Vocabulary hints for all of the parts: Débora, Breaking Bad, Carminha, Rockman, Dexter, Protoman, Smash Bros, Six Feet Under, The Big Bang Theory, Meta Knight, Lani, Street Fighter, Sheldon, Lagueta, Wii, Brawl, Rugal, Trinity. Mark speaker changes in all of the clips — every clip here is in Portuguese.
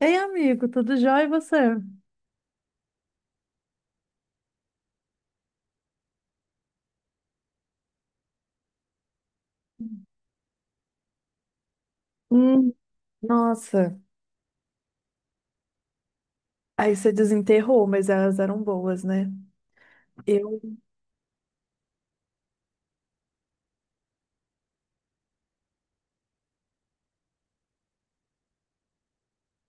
Speaker 1: Ei, amigo, tudo jóia e você? Hum, nossa, aí você desenterrou, mas elas eram boas, né? Eu.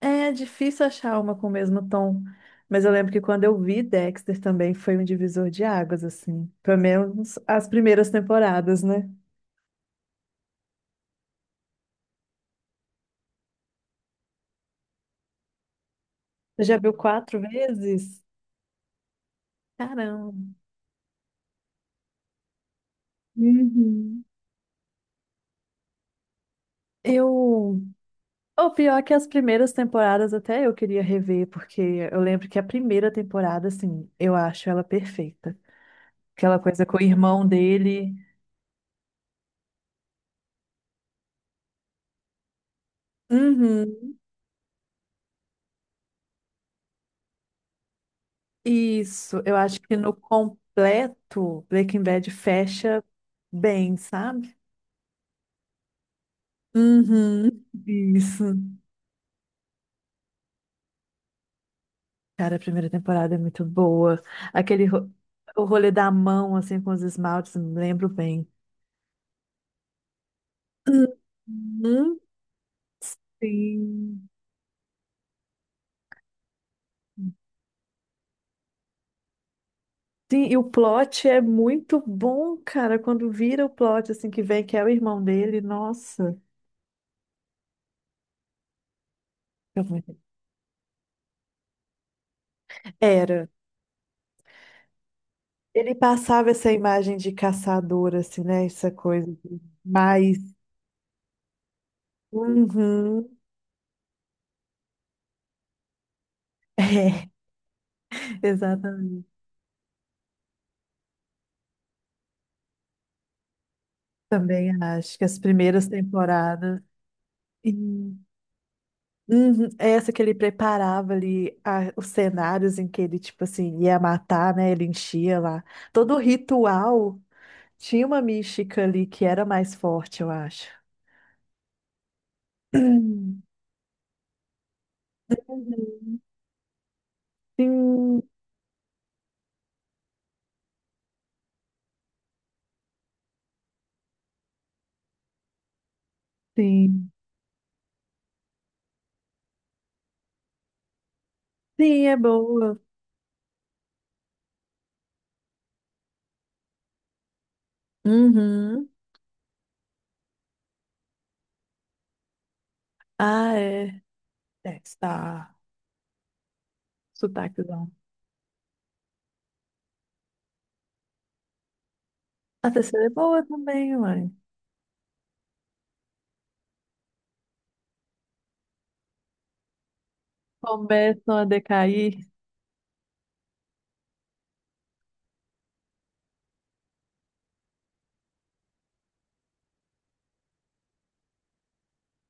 Speaker 1: É difícil achar uma com o mesmo tom, mas eu lembro que quando eu vi Dexter também foi um divisor de águas, assim. Pelo menos as primeiras temporadas, né? Você já viu quatro vezes? Caramba. Uhum. Eu. O pior é que as primeiras temporadas até eu queria rever, porque eu lembro que a primeira temporada, assim, eu acho ela perfeita. Aquela coisa com o irmão dele. Uhum. Isso, eu acho que no completo, Breaking Bad fecha bem, sabe? Uhum. Isso. Cara, a primeira temporada é muito boa. Aquele ro- o rolê da mão, assim, com os esmaltes, me lembro bem. Uhum. Sim. Sim, e o plot é muito bom, cara. Quando vira o plot, assim, que vem, que é o irmão dele, nossa. Fica muito. Era. Ele passava essa imagem de caçador, assim, né? Essa coisa de mais. Uhum. É, exatamente. Também acho que as primeiras temporadas. E. Uhum. Essa que ele preparava ali os cenários em que ele, tipo assim, ia matar, né? Ele enchia lá. Todo o ritual tinha uma mística ali que era mais forte, eu acho. Uhum. Sim, sim. Sim, é boa. Uhum. Ah, é. É. Está sotaquezão. A terceira é boa também, mãe. Começam a decair.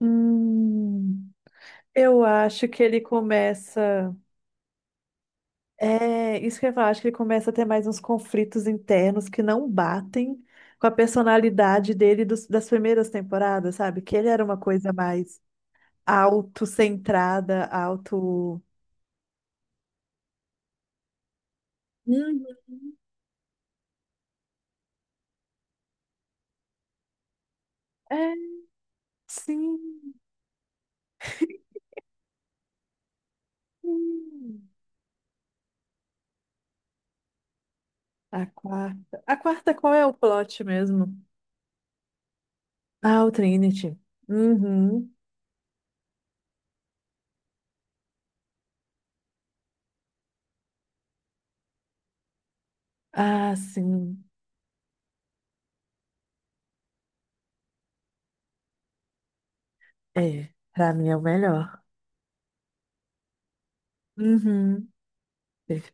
Speaker 1: Hum, eu acho que ele começa. É, isso que eu ia falar, acho que ele começa a ter mais uns conflitos internos que não batem com a personalidade dele das primeiras temporadas, sabe? Que ele era uma coisa mais autocentrada, auto. Uhum. É, sim. Hum. A quarta. A quarta, qual é o plot mesmo? Ah, o Trinity. Uhum. Ah, sim. É, pra mim é o melhor. Uhum. Perfe.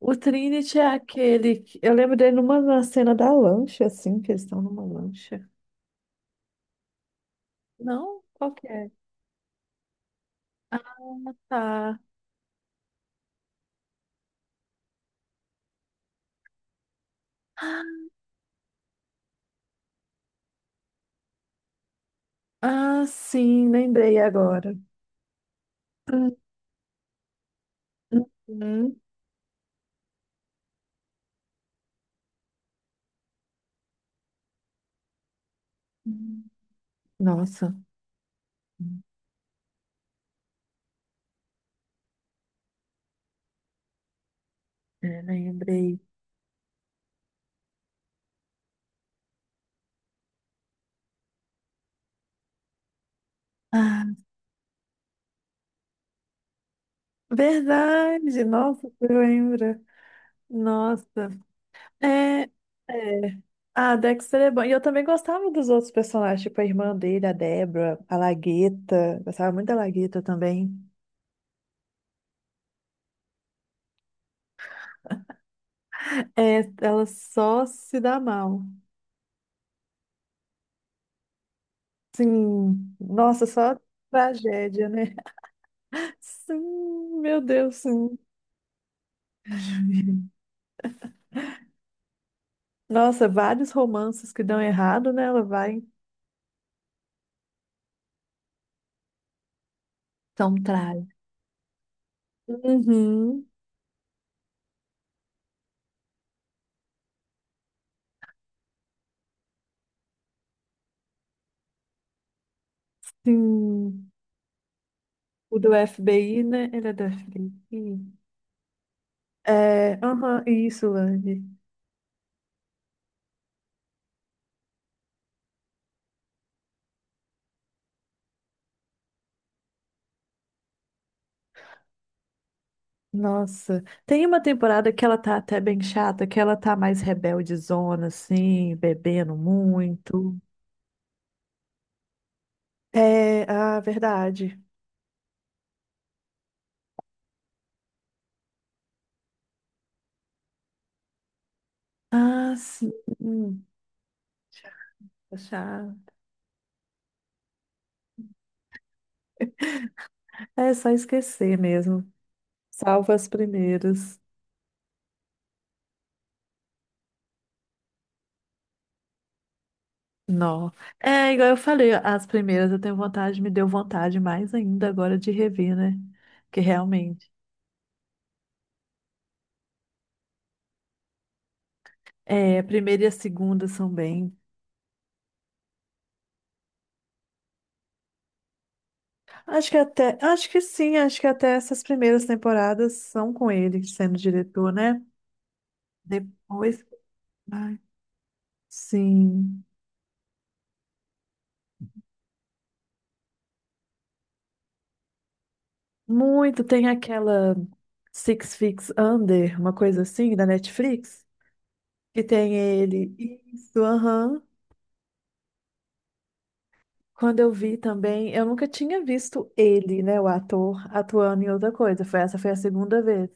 Speaker 1: O Trinity é aquele que... Eu lembro dele numa na cena da lancha, assim, que eles estão numa lancha. Não? Qual que é? Ah, tá. Ah, sim, lembrei agora. Uhum. Nossa, é, lembrei. Ah, verdade, nossa, você lembra. Nossa, é, é. Ah, Dexter é bom. E eu também gostava dos outros personagens, tipo a irmã dele, a Débora, a Lagueta. Gostava muito da Lagueta também. É, ela só se dá mal. Sim. Nossa, só tragédia, né? Sim, meu Deus, sim. Nossa, vários romances que dão errado, né? Ela vai. Tão trágico. Uhum, sim. O do FBI, né? Ele é do FBI. É, aham, isso, Lani. Nossa, tem uma temporada que ela tá até bem chata, que ela tá mais rebeldezona, assim, bebendo muito. É, ah, verdade. Ah, sim. Chata, chata. É só esquecer mesmo. Salva as primeiras. Não. É, igual eu falei, as primeiras eu tenho vontade, me deu vontade mais ainda agora de rever, né? Que realmente. É, a primeira e a segunda são bem. Acho que até, acho que sim, acho que até essas primeiras temporadas são com ele sendo diretor, né? Depois, ai, sim. Muito, tem aquela Six Feet Under, uma coisa assim, da Netflix, que tem ele. Isso, aham. Quando eu vi também, eu nunca tinha visto ele, né, o ator, atuando em outra coisa. Foi, essa foi a segunda vez.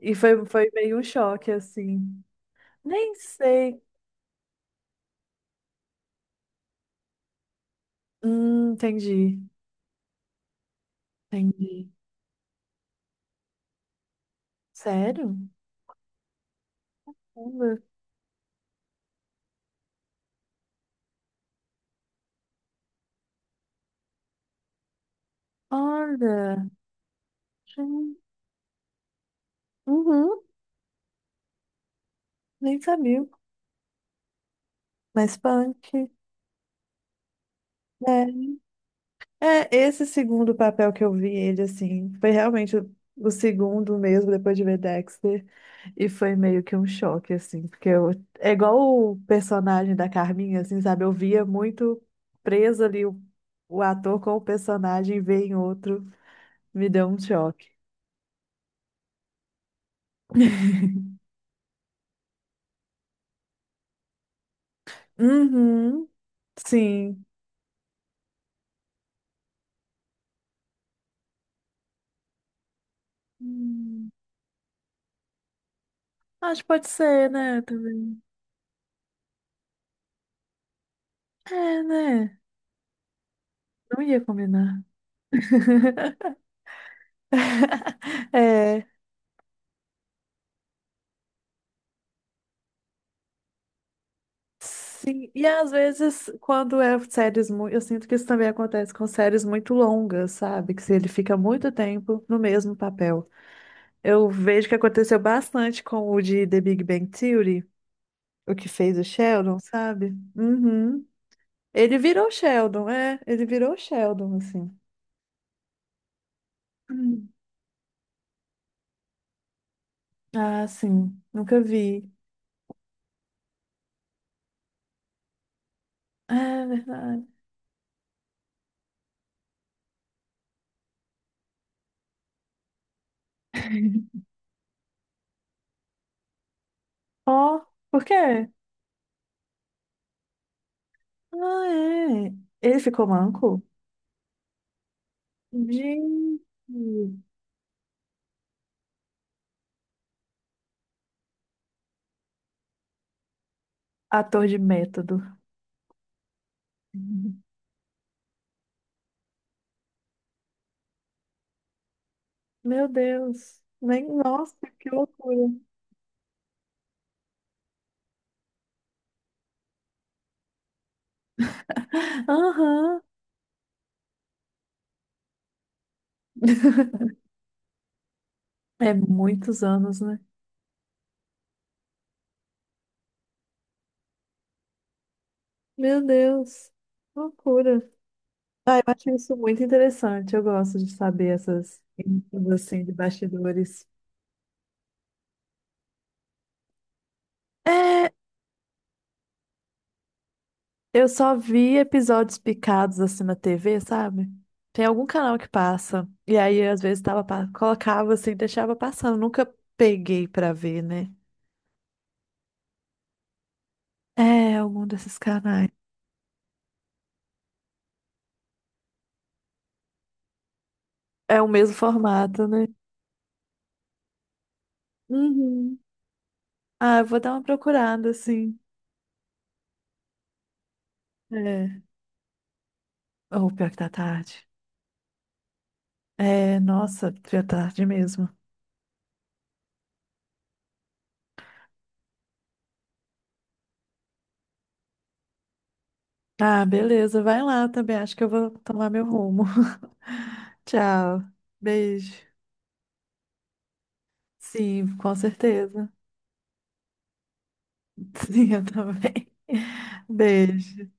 Speaker 1: E foi, foi meio um choque, assim. Nem sei. Entendi, entendi. Sério? Uber. Olha, sim. Uhum, nem sabia. Mas punk, né? É, esse segundo papel que eu vi ele, assim, foi realmente o segundo mesmo, depois de ver Dexter, e foi meio que um choque, assim, porque eu, é igual o personagem da Carminha, assim, sabe? Eu via muito preso ali o ator com o personagem, e ver em outro, me deu um choque. Uhum, sim. Hum, acho que pode ser, né, também. É, né? Não ia combinar. É, sim. E às vezes, quando é séries muito. Eu sinto que isso também acontece com séries muito longas, sabe? Que se ele fica muito tempo no mesmo papel. Eu vejo que aconteceu bastante com o de The Big Bang Theory, o que fez o Sheldon, sabe? Uhum. Ele virou Sheldon, é. Ele virou Sheldon, assim. Hum. Ah, sim. Nunca vi. É verdade. Ó, por quê? Ah, é. Ele ficou manco? Gente, ator de método. Meu Deus. Nem, nossa, que loucura. Aham. É muitos anos, né? Meu Deus. Loucura. Ah, eu acho isso muito interessante. Eu gosto de saber essas coisas, assim de bastidores. É. Eu só vi episódios picados assim na TV, sabe? Tem algum canal que passa. E aí, às vezes, tava, colocava assim, deixava passando. Nunca peguei pra ver, né? É, algum desses canais. É o mesmo formato, né? Uhum. Ah, eu vou dar uma procurada, assim. É. Ou pior que tá tarde. É, nossa, pior tarde mesmo. Ah, beleza, vai lá também. Acho que eu vou tomar meu rumo. Tchau. Beijo. Sim, com certeza. Sim, eu também. Beijo.